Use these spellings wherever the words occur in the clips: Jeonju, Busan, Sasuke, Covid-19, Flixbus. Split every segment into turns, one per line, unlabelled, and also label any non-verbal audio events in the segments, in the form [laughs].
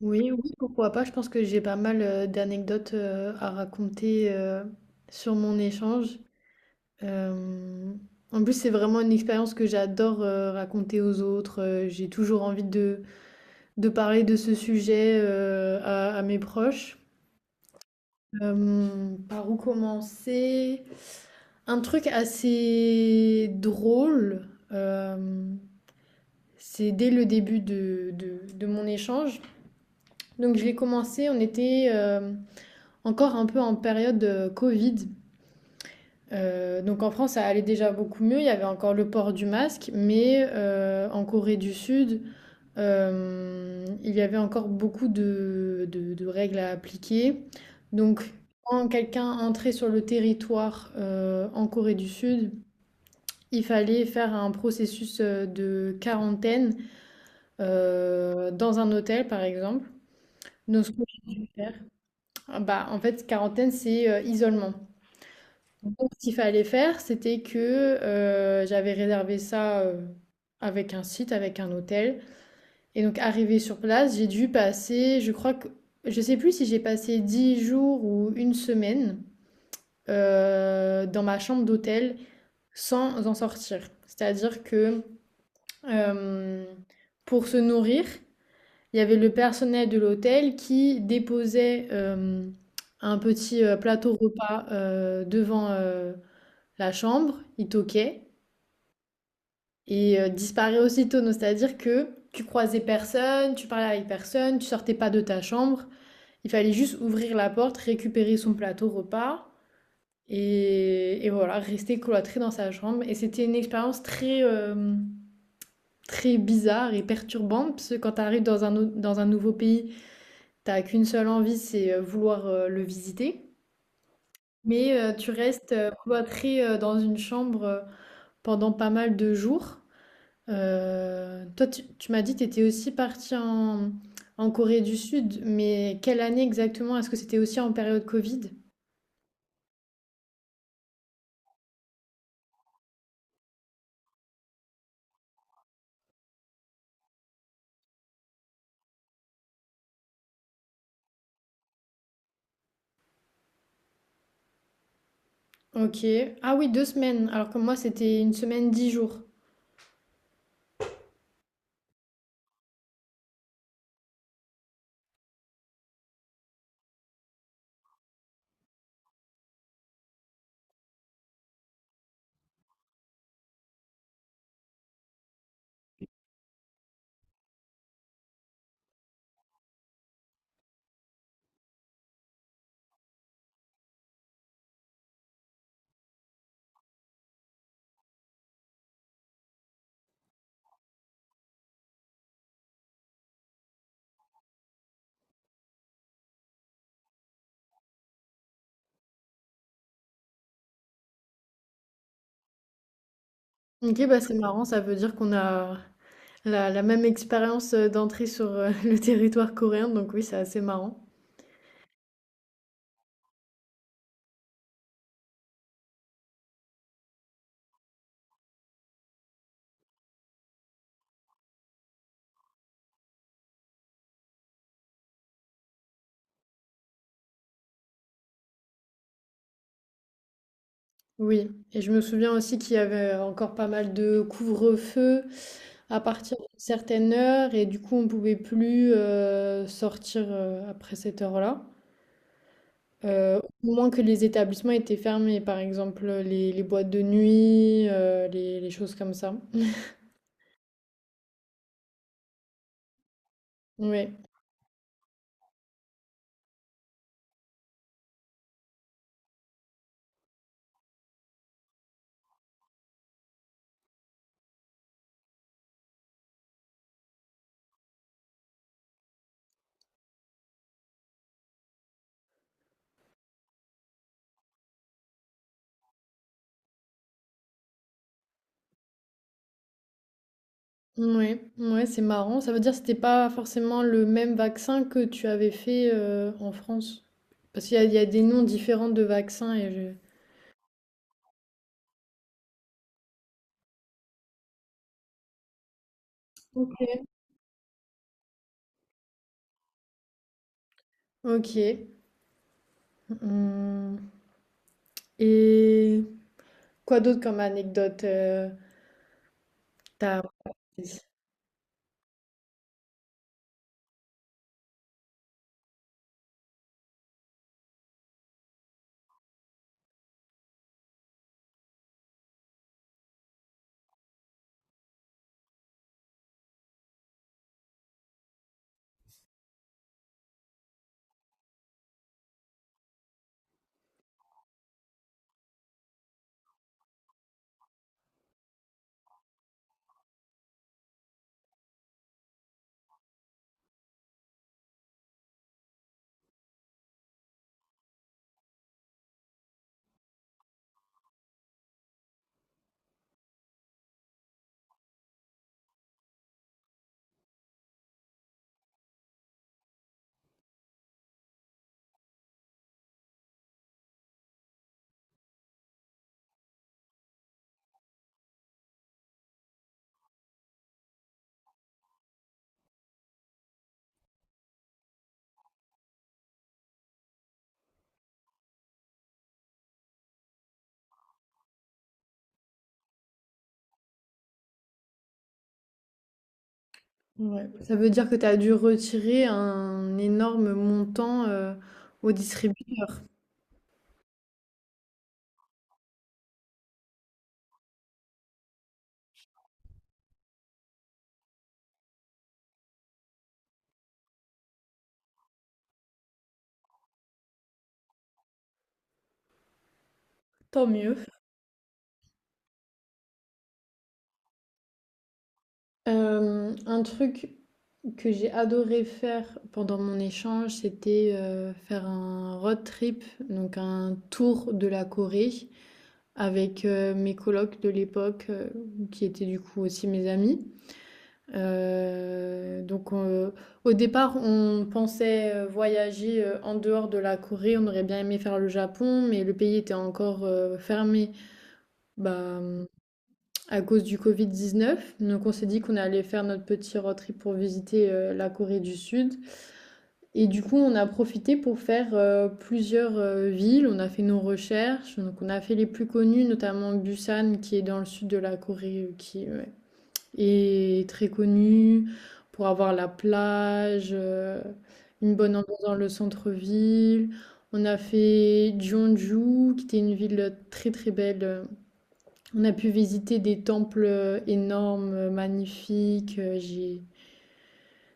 Oui, oui, pourquoi pas. Je pense que j'ai pas mal d'anecdotes à raconter sur mon échange. Euh, En plus, c'est vraiment une expérience que j'adore raconter aux autres. J'ai toujours envie de parler de ce sujet à mes proches. Par où commencer? Un truc assez drôle, c'est dès le début de mon échange. Donc je l'ai commencé, on était... encore un peu en période Covid. Donc en France, ça allait déjà beaucoup mieux. Il y avait encore le port du masque, mais en Corée du Sud, il y avait encore beaucoup de règles à appliquer. Donc quand quelqu'un entrait sur le territoire en Corée du Sud, il fallait faire un processus de quarantaine dans un hôtel, par exemple. Donc ce qu'on peut faire, ah bah, en fait, quarantaine, c'est isolement. Donc, ce qu'il fallait faire, c'était que j'avais réservé ça avec un site, avec un hôtel. Et donc, arrivé sur place, j'ai dû passer, je crois que, je sais plus si j'ai passé 10 jours ou une semaine dans ma chambre d'hôtel sans en sortir. C'est-à-dire que euh, pour se nourrir, il y avait le personnel de l'hôtel qui déposait un petit plateau repas devant la chambre, il toquait, et disparaît aussitôt. Donc, c'est-à-dire que tu croisais personne, tu parlais avec personne, tu sortais pas de ta chambre. Il fallait juste ouvrir la porte, récupérer son plateau repas et voilà, rester cloîtré dans sa chambre. Et c'était une expérience très, très bizarre et perturbante parce que quand tu arrives dans un nouveau pays, t'as qu'une seule envie, c'est vouloir le visiter. Mais tu restes cloîtré dans une chambre pendant pas mal de jours. Toi, tu m'as dit que tu étais aussi parti en, en Corée du Sud, mais quelle année exactement? Est-ce que c'était aussi en période Covid? Ok. Ah oui, deux semaines, alors que moi, c'était une semaine, 10 jours. Ok, bah c'est marrant, ça veut dire qu'on a la, la même expérience d'entrée sur [laughs] le territoire coréen, donc oui, c'est assez marrant. Oui, et je me souviens aussi qu'il y avait encore pas mal de couvre-feu à partir d'une certaine heure, et du coup, on pouvait plus sortir après cette heure-là. Au moins que les établissements étaient fermés, par exemple les boîtes de nuit, les choses comme ça. Ouais, ouais, ouais, c'est marrant. Ça veut dire que c'était pas forcément le même vaccin que tu avais fait en France. Parce qu'il y a, il y a des noms différents de vaccins et je... Ok. Ok. Hum. Et quoi d'autre comme anecdote apprise? Ouais. Ça veut dire que tu as dû retirer un énorme montant au distributeur. Tant mieux. Un truc que j'ai adoré faire pendant mon échange, c'était faire un road trip, donc un tour de la Corée avec mes colocs de l'époque, qui étaient du coup aussi mes amis. Euh, donc euh, au départ, on pensait voyager en dehors de la Corée, on aurait bien aimé faire le Japon, mais le pays était encore fermé. Bah, à cause du Covid-19. Donc on s'est dit qu'on allait faire notre petit road trip pour visiter la Corée du Sud. Et du coup, on a profité pour faire plusieurs villes. On a fait nos recherches. Donc on a fait les plus connues, notamment Busan, qui est dans le sud de la Corée, qui ouais, est très connue pour avoir la plage, une bonne ambiance dans le centre-ville. On a fait Jeonju, qui était une ville très très belle on a pu visiter des temples énormes, magnifiques. J'ai...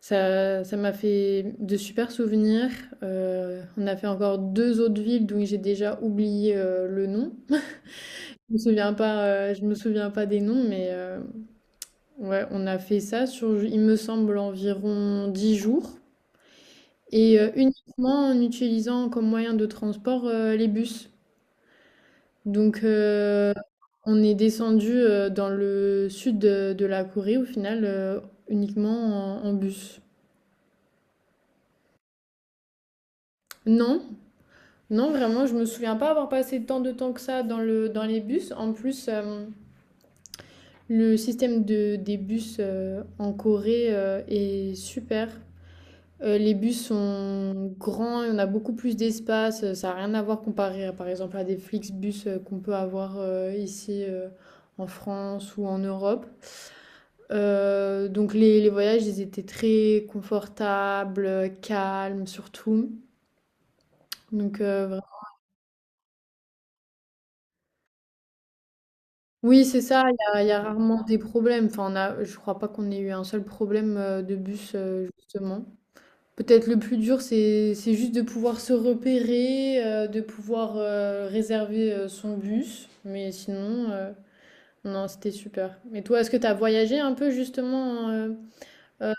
Ça m'a fait de super souvenirs. On a fait encore deux autres villes dont j'ai déjà oublié le nom. Je me souviens pas, je me souviens pas des noms, mais ouais, on a fait ça sur, il me semble, environ 10 jours. Et uniquement en utilisant comme moyen de transport les bus. Donc, on est descendu dans le sud de la Corée au final uniquement en, en bus. Non, non, vraiment, je me souviens pas avoir passé tant de temps que ça dans le, dans les bus. En plus, le système de, des bus en Corée est super. Les bus sont grands, on a beaucoup plus d'espace. Ça n'a rien à voir comparé à, par exemple à des Flixbus qu'on peut avoir ici en France ou en Europe. Donc les voyages, ils étaient très confortables, calmes surtout. Donc vraiment- oui, c'est ça, il y a rarement des problèmes. Enfin, on a, je crois pas qu'on ait eu un seul problème de bus, justement. Peut-être le plus dur, c'est juste de pouvoir se repérer, de pouvoir réserver son bus. Mais sinon, non, c'était super. Et toi, est-ce que tu as voyagé un peu justement euh,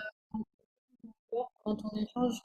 quand on échange?